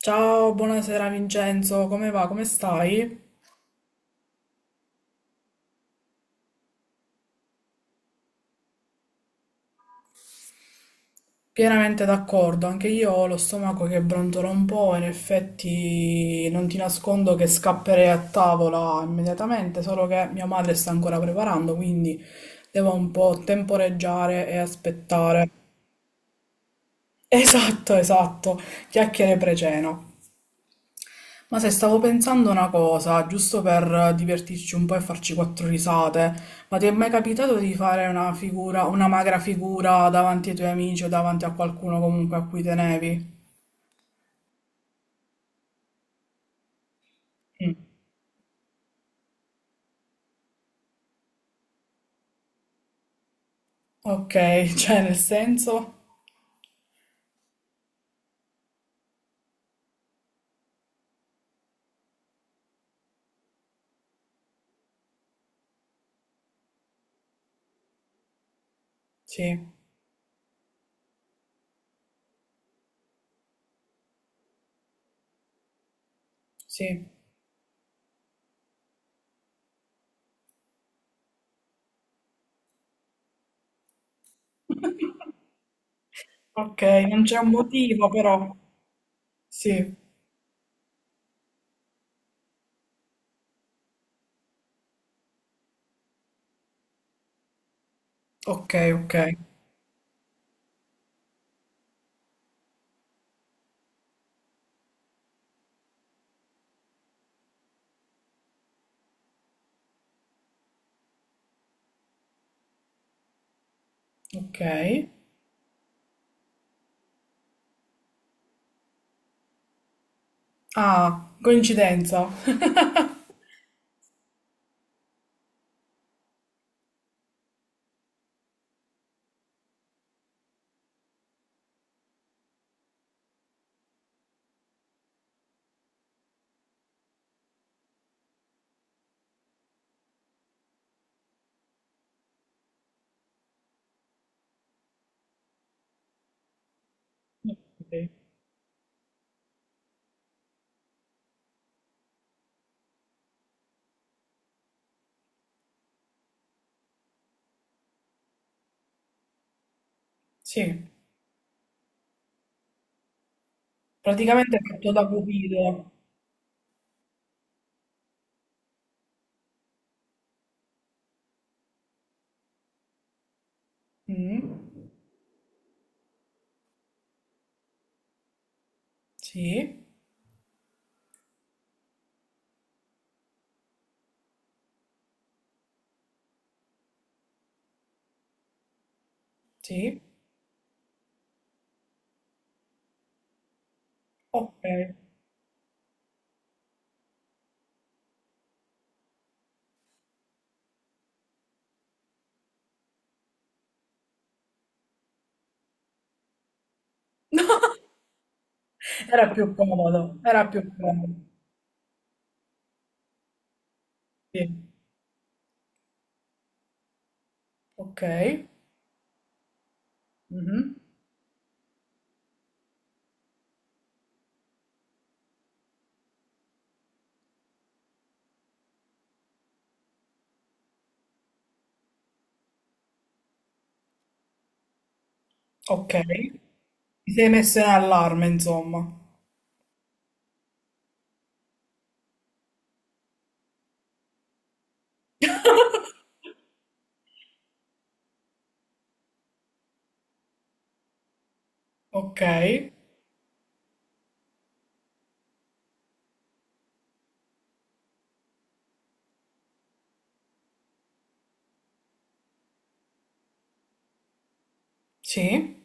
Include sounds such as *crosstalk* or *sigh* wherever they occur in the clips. Ciao, buonasera Vincenzo, come va? Come stai? Pienamente d'accordo, anche io ho lo stomaco che brontola un po', in effetti non ti nascondo che scapperei a tavola immediatamente, solo che mia madre sta ancora preparando, quindi devo un po' temporeggiare e aspettare. *laughs* Esatto, esatto, chiacchiere pre-cena. Ma se stavo pensando una cosa, giusto per divertirci un po' e farci quattro risate, ma ti è mai capitato di fare una figura, una magra figura davanti ai tuoi amici o davanti a qualcuno comunque a cui tenevi? Mm. Ok, *laughs* cioè nel senso? Sì, sì. *laughs* Ok, non c'è un motivo però. Sì, ok, ok, ok. Ah, coincidenza. Ok. Sì, praticamente è fatto da Cupido. Mm. Sì. Sì, ok. *laughs* Era più comodo, era più comodo. Sì, ok. Mhm. Ok. Ti sei messo in allarme, insomma. Ok, sì.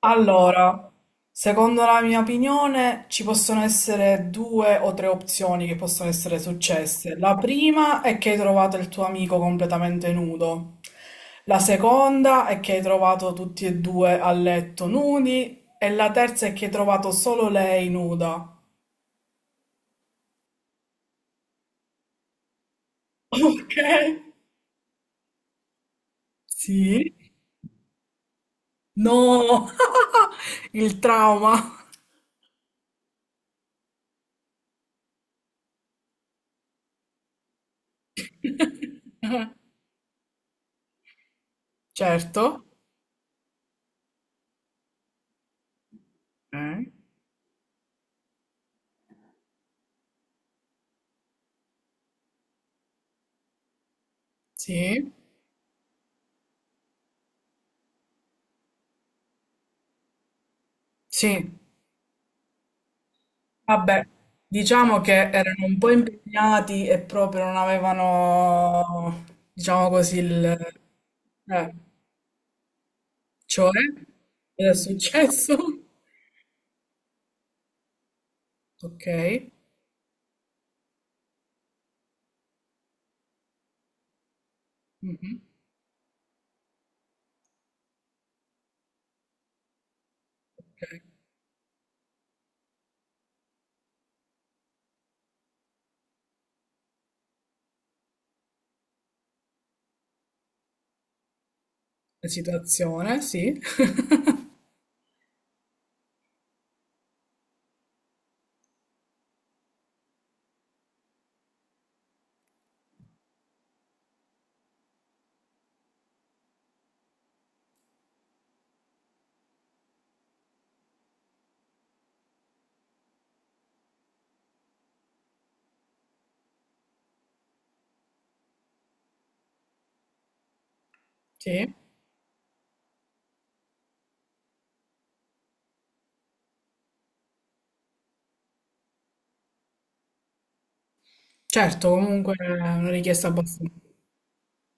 Allora, secondo la mia opinione ci possono essere due o tre opzioni che possono essere successe. La prima è che hai trovato il tuo amico completamente nudo. La seconda è che hai trovato tutti e due a letto nudi. E la terza è che hai trovato solo lei nuda. *laughs* Ok? Sì. No! *laughs* Il trauma. *laughs* Certo. Eh? Sì. Sì. Vabbè, diciamo che erano un po' impegnati e proprio non avevano, diciamo così, il... eh, cioè, cosa è successo? *laughs* Ok, mhm, ok. La situazione, sì, *laughs* sì. Certo, comunque è una richiesta abbastanza...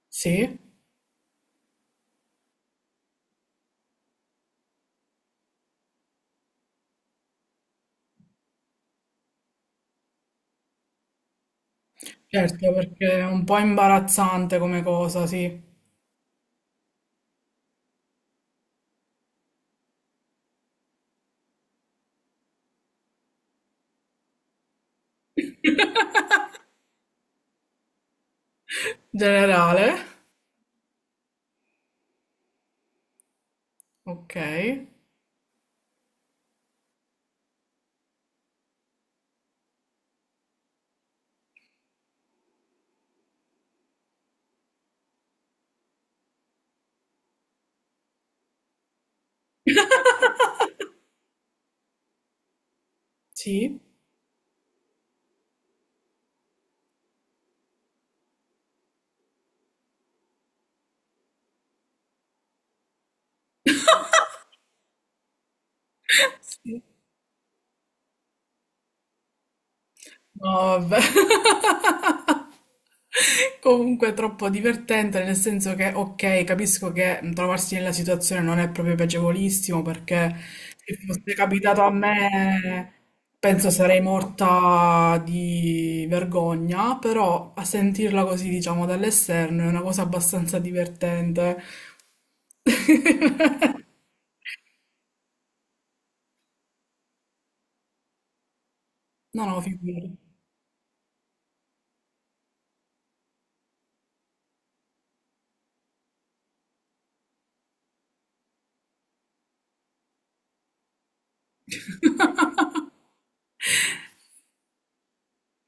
Sì, certo, perché è un po' imbarazzante come cosa, sì. Generale, ok, sì. *laughs* Sì. No, vabbè. *laughs* Comunque è troppo divertente, nel senso che, ok, capisco che trovarsi nella situazione non è proprio piacevolissimo, perché se fosse capitato a me, penso sarei morta di vergogna, però a sentirla così, diciamo, dall'esterno è una cosa abbastanza divertente. *laughs* No, no, figurati.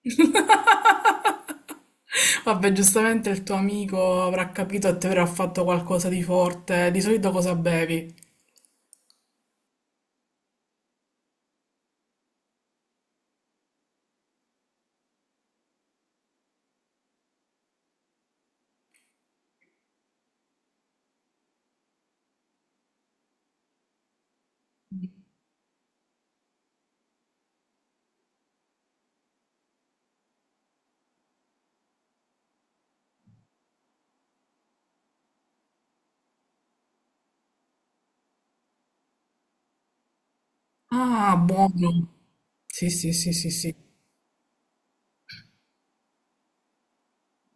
*laughs* Vabbè, giustamente il tuo amico avrà capito e ti avrà fatto qualcosa di forte. Di solito cosa bevi? Ah, buono. Sì, sì, sì, sì, sì.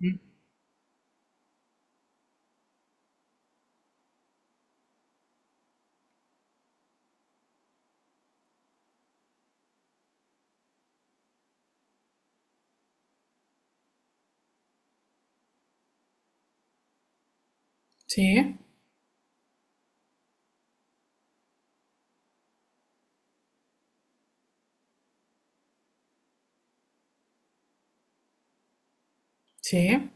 Mm. Sì, sì.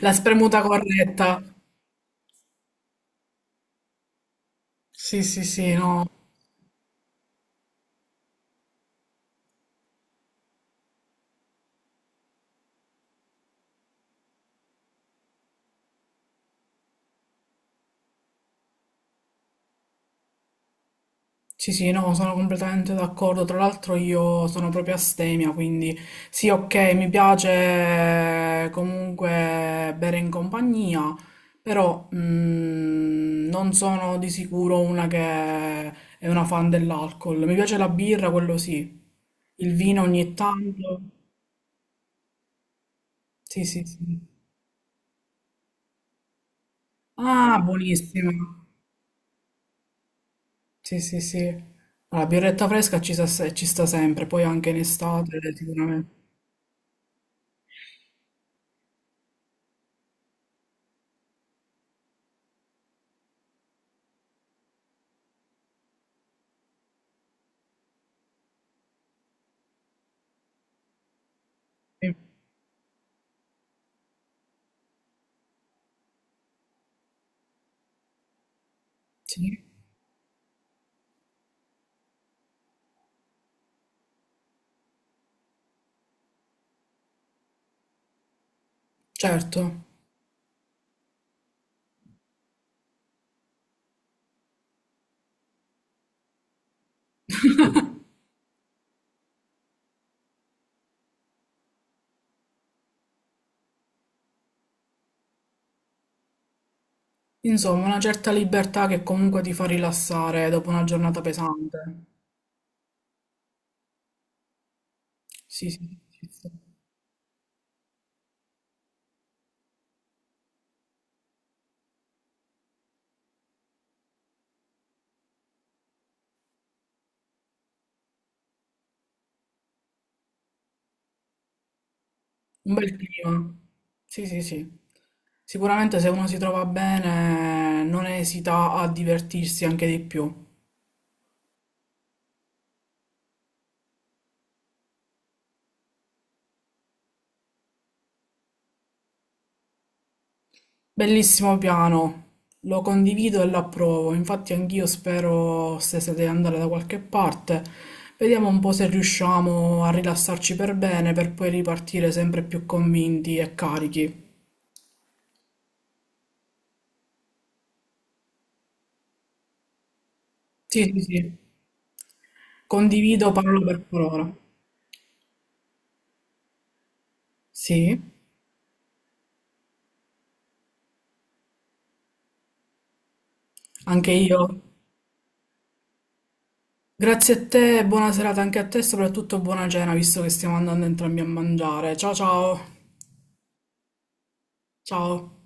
La spremuta corretta. Sì, sì, sì, no. Sì, sì, no, sono completamente d'accordo. Tra l'altro io sono proprio astemia, quindi sì, ok, mi piace comunque bere in compagnia, però non sono di sicuro una che è una fan dell'alcol. Mi piace la birra, quello sì. Il vino ogni tanto. Sì, sì, sì. Ah, buonissima. Sì, sì, sì. La birretta fresca ci sta, ci sta sempre, poi anche in estate sicuramente. Sì, sì, certo. Insomma, una certa libertà che comunque ti fa rilassare dopo una giornata pesante. Sì, sì, sì, sì. Un bel clima. Sì, sì, sì. Sicuramente se uno si trova bene, non esita a divertirsi anche di più. Bellissimo piano, lo condivido e l'approvo. Infatti anch'io spero stestate di andare da qualche parte. Vediamo un po' se riusciamo a rilassarci per bene per poi ripartire sempre più convinti e carichi. Sì, sì, sì. Condivido parola per parola. Sì, anche io. Grazie a te, buona serata anche a te, soprattutto buona cena, visto che stiamo andando entrambi a mangiare. Ciao ciao. Ciao.